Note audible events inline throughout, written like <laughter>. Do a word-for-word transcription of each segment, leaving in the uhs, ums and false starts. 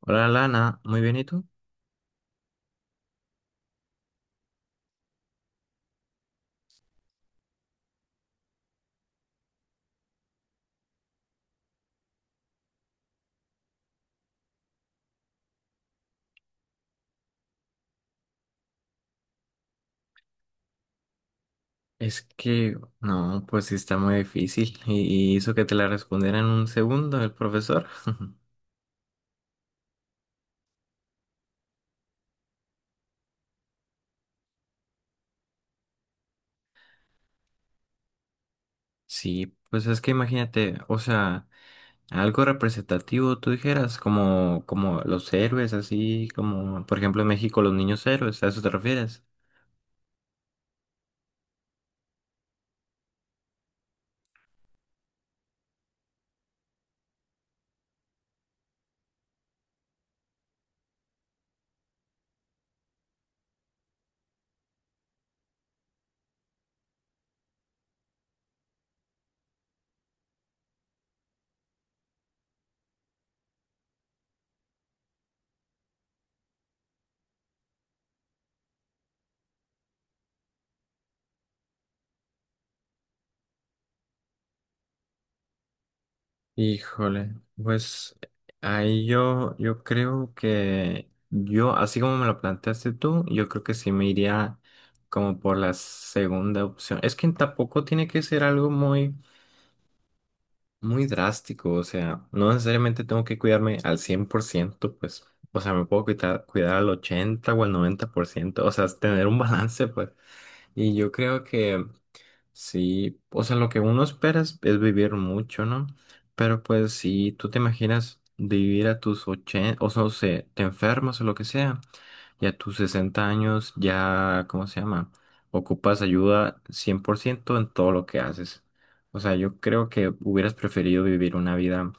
Hola Lana, muy bien, ¿y tú? Es que, no, pues sí está muy difícil <laughs> y, y hizo que te la respondiera en un segundo el profesor. <laughs> Sí, pues es que imagínate, o sea, algo representativo tú dijeras, como, como los héroes, así como, por ejemplo, en México los niños héroes, ¿a eso te refieres? Híjole, pues ahí yo, yo creo que yo, así como me lo planteaste tú, yo creo que sí me iría como por la segunda opción. Es que tampoco tiene que ser algo muy, muy drástico, o sea, no necesariamente tengo que cuidarme al cien por ciento, pues, o sea, me puedo cuidar, cuidar al ochenta o al noventa por ciento, o sea, es tener un balance, pues. Y yo creo que... Sí, o sea, lo que uno espera es, es vivir mucho, ¿no? Pero pues si tú te imaginas de vivir a tus ochenta, o sea, o sea, te enfermas o lo que sea, y a tus sesenta años ya, ¿cómo se llama? Ocupas ayuda cien por ciento en todo lo que haces. O sea, yo creo que hubieras preferido vivir una vida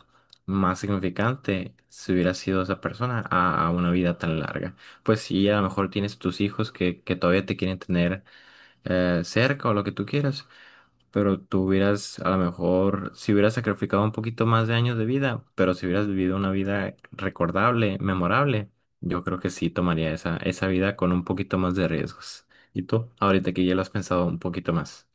más significante si hubieras sido esa persona a, a una vida tan larga. Pues sí, a lo mejor tienes tus hijos que, que todavía te quieren tener eh, cerca o lo que tú quieras, pero tú hubieras, a lo mejor, si hubieras sacrificado un poquito más de años de vida, pero si hubieras vivido una vida recordable, memorable, yo creo que sí tomaría esa, esa vida con un poquito más de riesgos. ¿Y tú? Ahorita que ya lo has pensado un poquito más.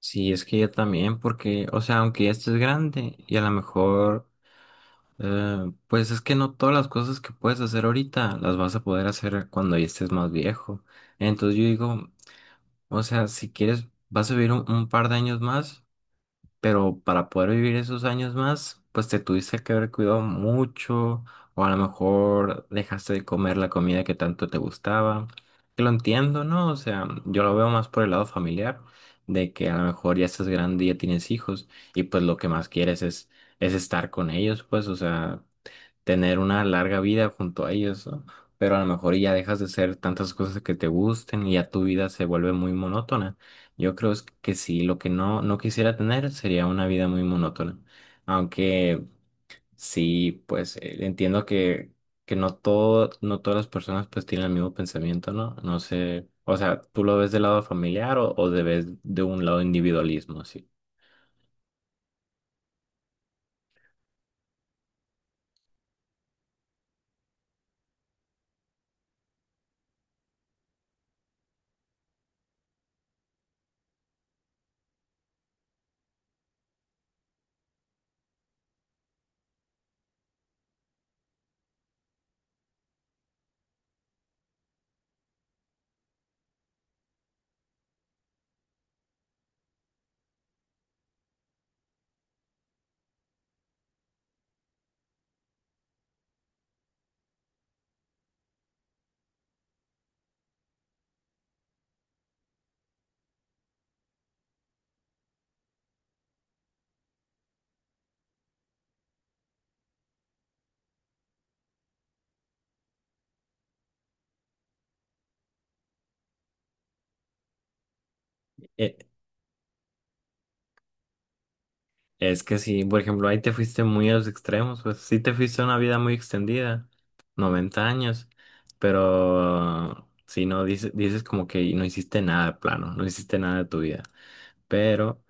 Sí, es que yo también, porque, o sea, aunque ya estés grande y a lo mejor, eh, pues es que no todas las cosas que puedes hacer ahorita las vas a poder hacer cuando ya estés más viejo. Entonces yo digo, o sea, si quieres, vas a vivir un un par de años más. Pero para poder vivir esos años más, pues te tuviste que haber cuidado mucho, o a lo mejor dejaste de comer la comida que tanto te gustaba. Que lo entiendo, ¿no? O sea, yo lo veo más por el lado familiar, de que a lo mejor ya estás grande y ya tienes hijos, y pues lo que más quieres es, es estar con ellos, pues, o sea, tener una larga vida junto a ellos, ¿no? Pero a lo mejor ya dejas de hacer tantas cosas que te gusten y ya tu vida se vuelve muy monótona. Yo creo es que sí, lo que no, no quisiera tener sería una vida muy monótona. Aunque sí, pues eh, entiendo que, que no todo, no todas las personas pues tienen el mismo pensamiento, ¿no? No sé, o sea, ¿tú lo ves del lado familiar o, o de, ves de un lado individualismo, sí? Es que si, por ejemplo, ahí te fuiste muy a los extremos, pues sí te fuiste a una vida muy extendida, noventa años, pero si no dices, dices como que no hiciste nada de plano, no hiciste nada de tu vida, pero,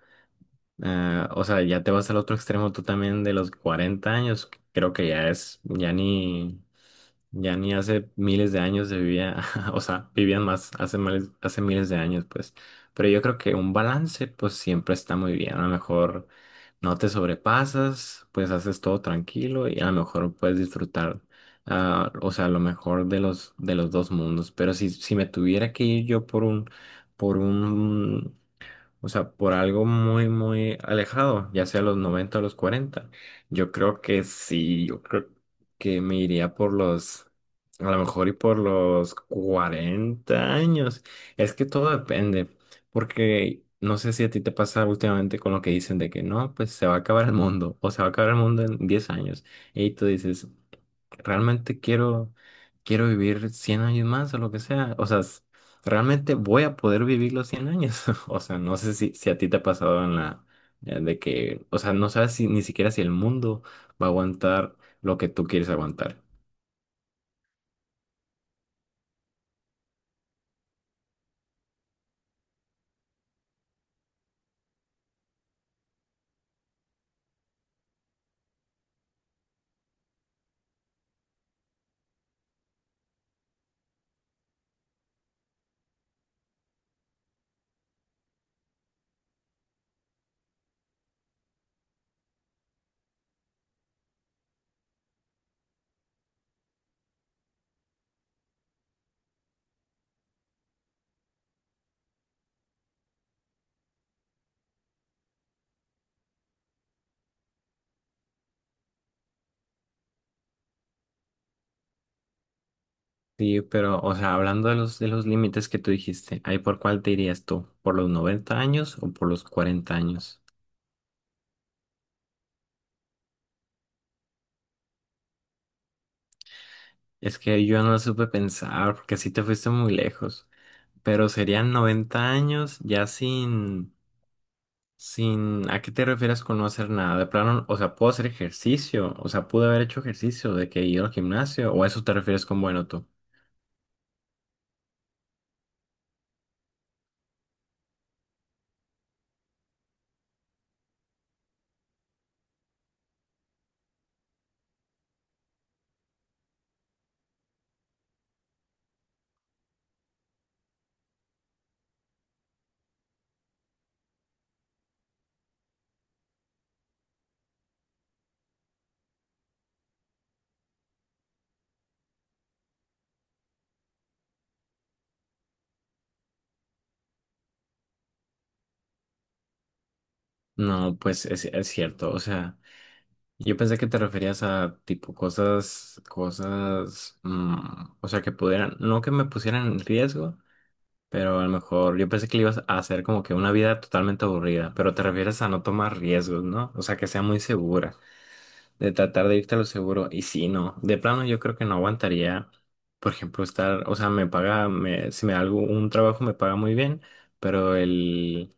eh, o sea, ya te vas al otro extremo tú también de los cuarenta años, que creo que ya es, ya ni, ya ni hace miles de años se vivía, <laughs> o sea, vivían más hace, miles- hace miles de años, pues, pero yo creo que un balance, pues siempre está muy bien, a lo mejor no te sobrepasas, pues haces todo tranquilo y a lo mejor puedes disfrutar, ah, o sea, lo mejor de los, de los dos mundos. Pero si, si me tuviera que ir yo por un, por un o sea, por algo muy, muy alejado, ya sea los noventa o los cuarenta. Yo creo que sí, yo creo que me iría por los, a lo mejor y por los cuarenta años. Es que todo depende, porque no sé si a ti te pasa últimamente con lo que dicen de que no, pues se va a acabar el mundo o se va a acabar el mundo en diez años. Y tú dices, realmente quiero, quiero vivir cien años más o lo que sea. O sea, s- realmente voy a poder vivir los cien años. <laughs> O sea, no sé si, si a ti te ha pasado en la, eh, de que, o sea, no sabes si, ni siquiera si el mundo va a aguantar lo que tú quieres aguantar. Sí, pero, o sea, hablando de los, de los límites que tú dijiste, ¿ahí por cuál te irías tú? ¿Por los noventa años o por los cuarenta años? Es que yo no supe pensar, porque sí te fuiste muy lejos. Pero serían noventa años ya sin, sin, ¿a qué te refieres con no hacer nada? De plano, o sea, puedo hacer ejercicio, o sea, pude haber hecho ejercicio de que ir al gimnasio, o a eso te refieres con bueno tú. No, pues es, es cierto, o sea, yo pensé que te referías a tipo cosas, cosas, mm, o sea, que pudieran, no que me pusieran en riesgo, pero a lo mejor yo pensé que le ibas a hacer como que una vida totalmente aburrida, pero te refieres a no tomar riesgos, ¿no? O sea, que sea muy segura. De tratar de irte a lo seguro. Y si no, de plano yo creo que no aguantaría, por ejemplo, estar, o sea, me paga, me, si me da algo, un trabajo me paga muy bien, pero el,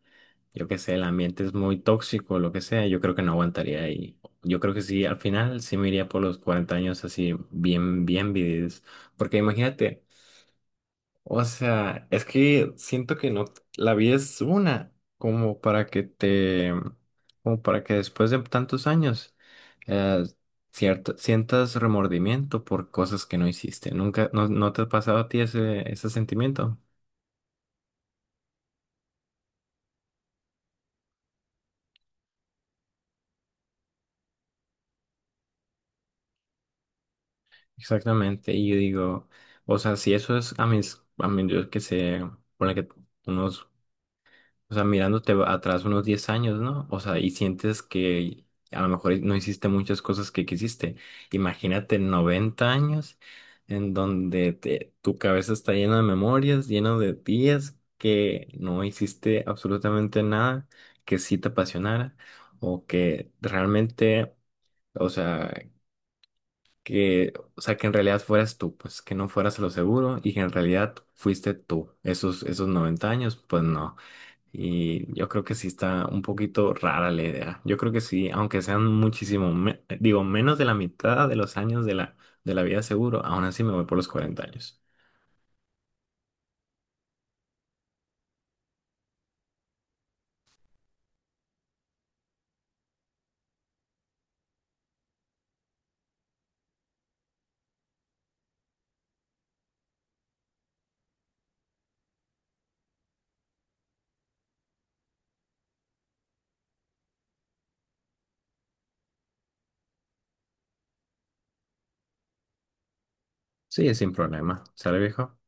yo qué sé, el ambiente es muy tóxico, lo que sea, yo creo que no aguantaría. Y yo creo que sí, al final sí me iría por los cuarenta años así, bien, bien vividos. Porque imagínate. O sea, es que siento que no, la vida es una, como para que te, como para que después de tantos años, eh, cierto, sientas remordimiento por cosas que no hiciste. Nunca, no, no te ha pasado a ti ese, ese sentimiento. Exactamente. Y yo digo, o sea, si eso es a mis, a mí, yo que sé, ponle que unos, o sea, mirándote atrás unos diez años, ¿no? O sea, y sientes que a lo mejor no hiciste muchas cosas que quisiste. Imagínate noventa años en donde te- tu cabeza está llena de memorias, llena de días que no hiciste absolutamente nada que sí te apasionara o que realmente, o sea, que, o sea, que en realidad fueras tú, pues que no fueras a lo seguro y que en realidad fuiste tú. Esos, esos noventa años, pues no. Y yo creo que sí está un poquito rara la idea. Yo creo que sí, aunque sean muchísimo, me- digo, menos de la mitad de los años de la, de la vida seguro, aún así me voy por los cuarenta años. Sí, sin problema. ¿Sale, viejo?